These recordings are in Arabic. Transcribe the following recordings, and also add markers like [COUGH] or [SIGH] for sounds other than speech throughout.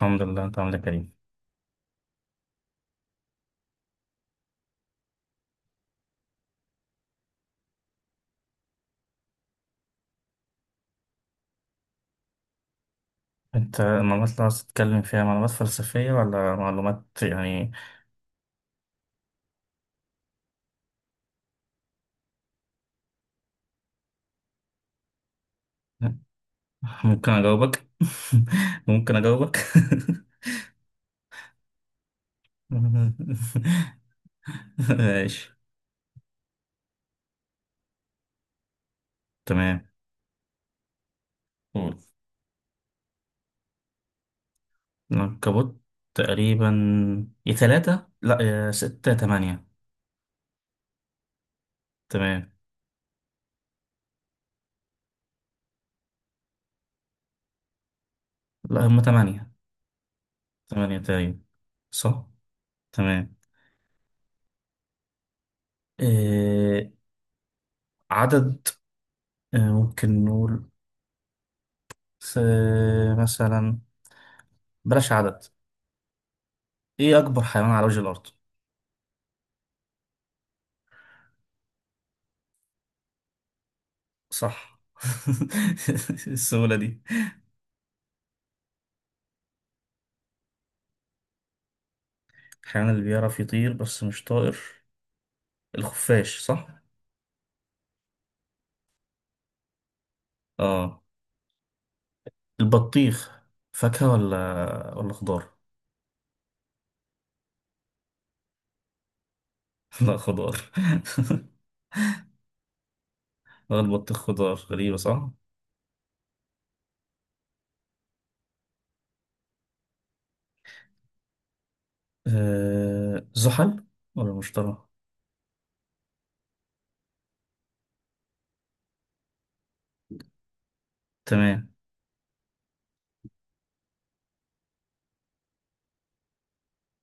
الحمد لله، انت عامل ايه يا كريم؟ انت المعلومات اللي عاوز تتكلم فيها معلومات فلسفية ولا معلومات يعني ممكن اجاوبك. [LAUGHS] ممكن اجاوبك. [LAUGHS] ماشي. تمام. قول. العنكبوت تقريبا يا ثلاثة لا يا ستة يا تمانية. تمام. لا هم تمانية. تمانية تقريبا. صح. تمام. إيه عدد اه، ممكن نقول س- مثلا بلاش عدد. ايه اكبر حيوان على وجه الارض؟ صح. [LAUGHS] السهولة دي. الحيوان اللي بيعرف يطير بس مش طائر الخفاش صح؟ اه. البطيخ فاكهة ولا خضار؟ [LAUGHS] لا خضار. [LAUGHS] البطيخ خضار، غريبة صح؟ زحل ولا مشتري؟ تمام.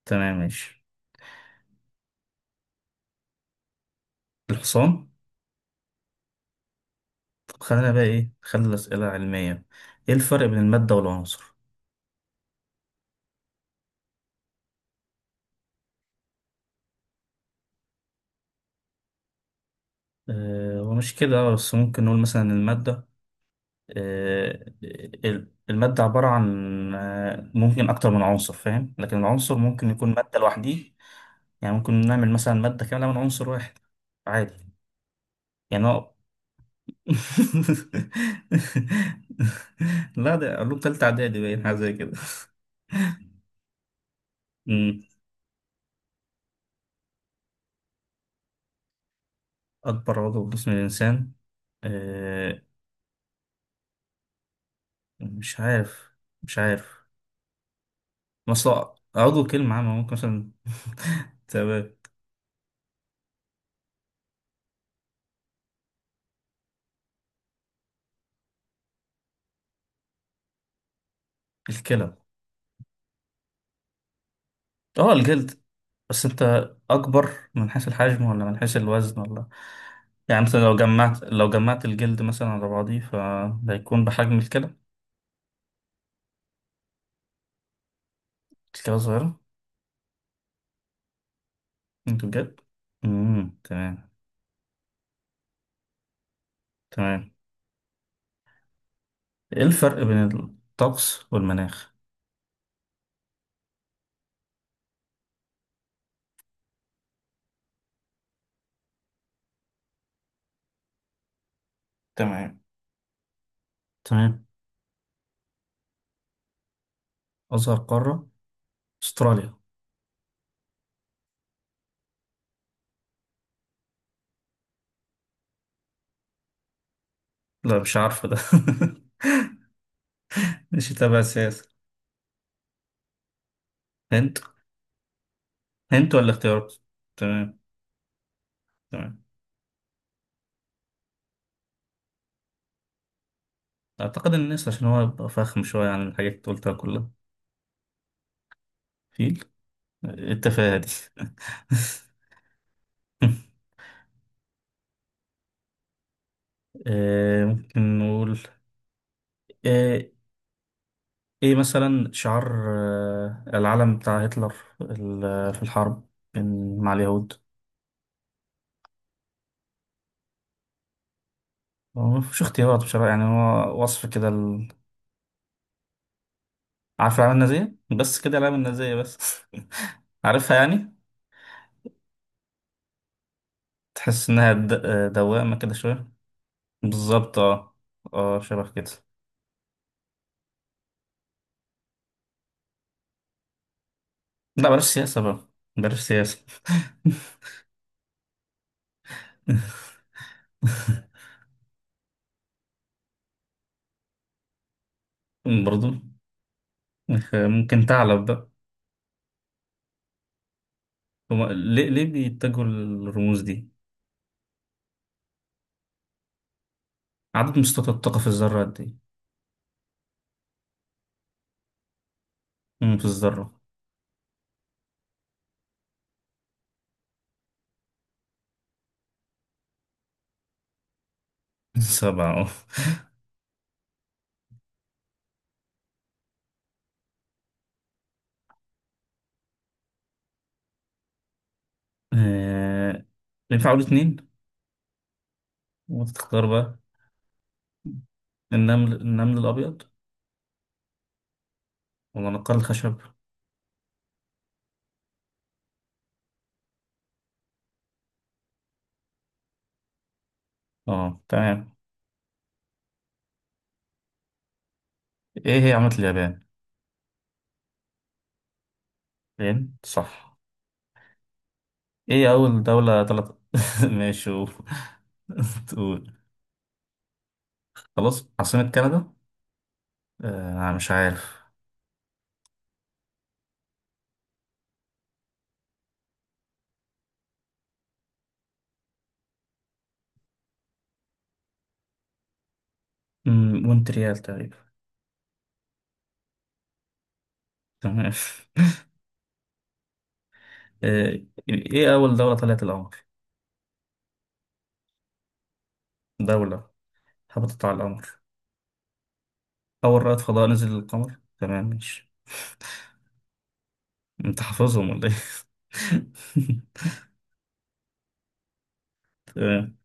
تمام ماشي. الحصان. طب خلينا بقى ايه، خلي الأسئلة علمية. ايه الفرق بين المادة والعنصر؟ ومش كده بس، ممكن نقول مثلا المادة، آه، المادة عبارة عن ممكن أكتر من عنصر فاهم، لكن العنصر ممكن يكون مادة لوحديه. يعني ممكن نعمل مثلا مادة كاملة من عنصر واحد عادي. يعني هو [LAUGHS] لا ده علوم تالتة إعدادي، باين حاجة زي كده. أمم، أكبر عضو في جسم الإنسان، آه، مش عارف. مش عارف. مثلا عضو كلمة عامة، ممكن مثلا [LAUGHS] تمام. الكلى. اه الجلد. بس انت اكبر من حيث الحجم ولا من حيث الوزن يعني مثلا لو جمعت لو جمعت الجلد مثلا على بعضيه فده هيكون بحجم الكلى. الكلى صغيرة؟ انت بجد. تمام. تمام. ايه الفرق بين الطقس والمناخ؟ تمام. تمام. اصغر قارة استراليا. لا مش عارفة ده. [LAUGHS] مش تابع السياسة. هند. هند ولا اختيارات؟ تمام. تمام. اعتقد الناس، عشان هو يبقى فخم شوية عن الحاجات اللي قلتها كلها. فيل. التفاهة دي. [LAUGHS] ممكن نقول آه، ايه مثلا شعار العلم بتاع هتلر في الحرب مع اليهود. هو مفيش اختيارات بصراحة، يعني هو وصف كده عارف العلامة النازية بس، كده العلامة النازية بس. [LAUGHS] عارفها يعني. تحس انها دوامة كده شوية. بالظبط اه. اه شبه كده. لا بلاش سياسة بقى. بلاش سياسة. [LAUGHS] برضو ممكن ثعلب بقى. هو ليه ليه بيتجهوا للرموز دي؟ عدد مستويات الطاقة في الذرة قد إيه؟ في الذرة. [LAUGHS] سبعة أه. آه، ينفع أقول اتنين وتختار بقى؟ النمل النمل الأبيض ولا نقار الخشب؟ أه تمام. إيه هي عملة اليابان؟ الين صح. إيه أول دولة طلعت [LAUGHS] ماشي [LAUGHS] تقول. خلاص عاصمة كندا؟ آه أنا مش عارف. مم، مونتريال تقريبا. تمام. [LAUGHS] آه، إيه أول دولة طلعت القمر؟ دولة هبطت على القمر. أول رائد فضاء نزل للقمر. تمام ماشي. أنت حافظهم ولا إيه؟ [LAUGHS] تمام.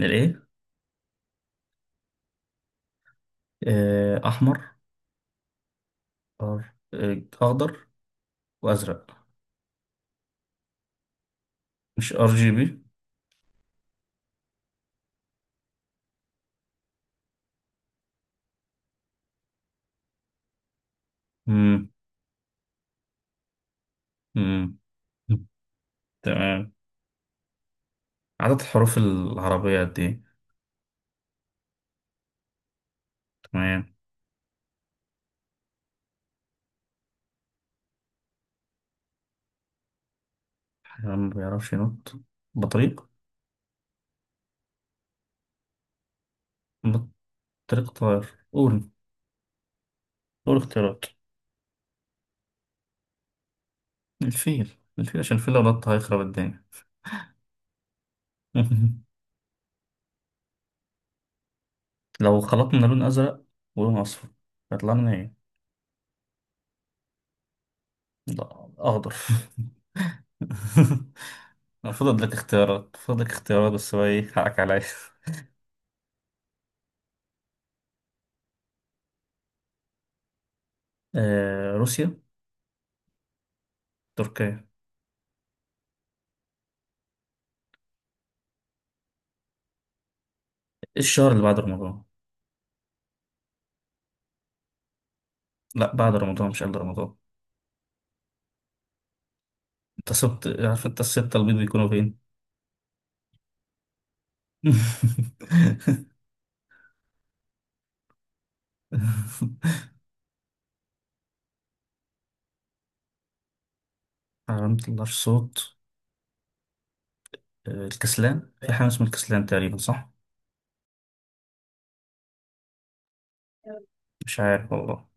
الإيه؟ أحمر، أر... آه، أخضر وأزرق. مش ار جي بي؟ مم. مم. تمام. عدد الحروف العربية قد إيه؟ تمام. حيوان ما بيعرفش ينط؟ بطريق. بطريق طائر، قول. قول اختيارات. الفيل. الفيل عشان الفيل لو نط هيخرب الدنيا. [LAUGHS] لو خلطنا لون أزرق ولون أصفر هيطلع لنا إيه؟ لا أخضر. [LAUGHS] فضل لك اختيارات، فضل لك اختيارات بس هو إيه حقك عليا. آه روسيا. تركيا. الشهر اللي بعد رمضان. لا بعد رمضان مش قبل رمضان. أنت سبت، عارف أنت الستة البيض بيكونوا فين. [LAUGHS] ما بيطلعش صوت. الكسلان، في حاجة اسمها الكسلان تقريبا صح؟ مش عارف والله.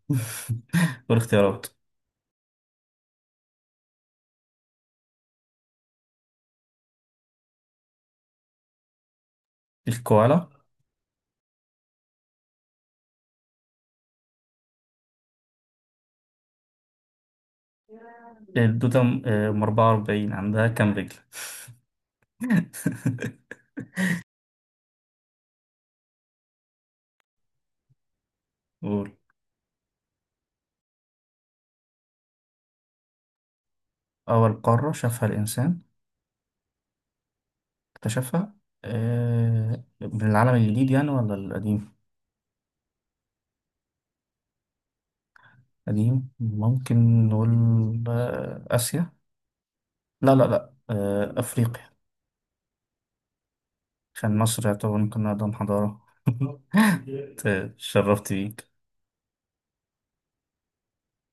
[LAUGHS] والاختيارات؟ الكوالا. الدودة. أم 44 عندها كام رجل؟ [LAUGHS] قول. أول قارة شافها الإنسان اكتشفها؟ من العالم الجديد يعني ولا القديم؟ قديم ممكن نقول آسيا، لا لا لا آه، أفريقيا. عشان مصر يعتبر ممكن أقدم حضارة. [LAUGHS] تشرفت بيك.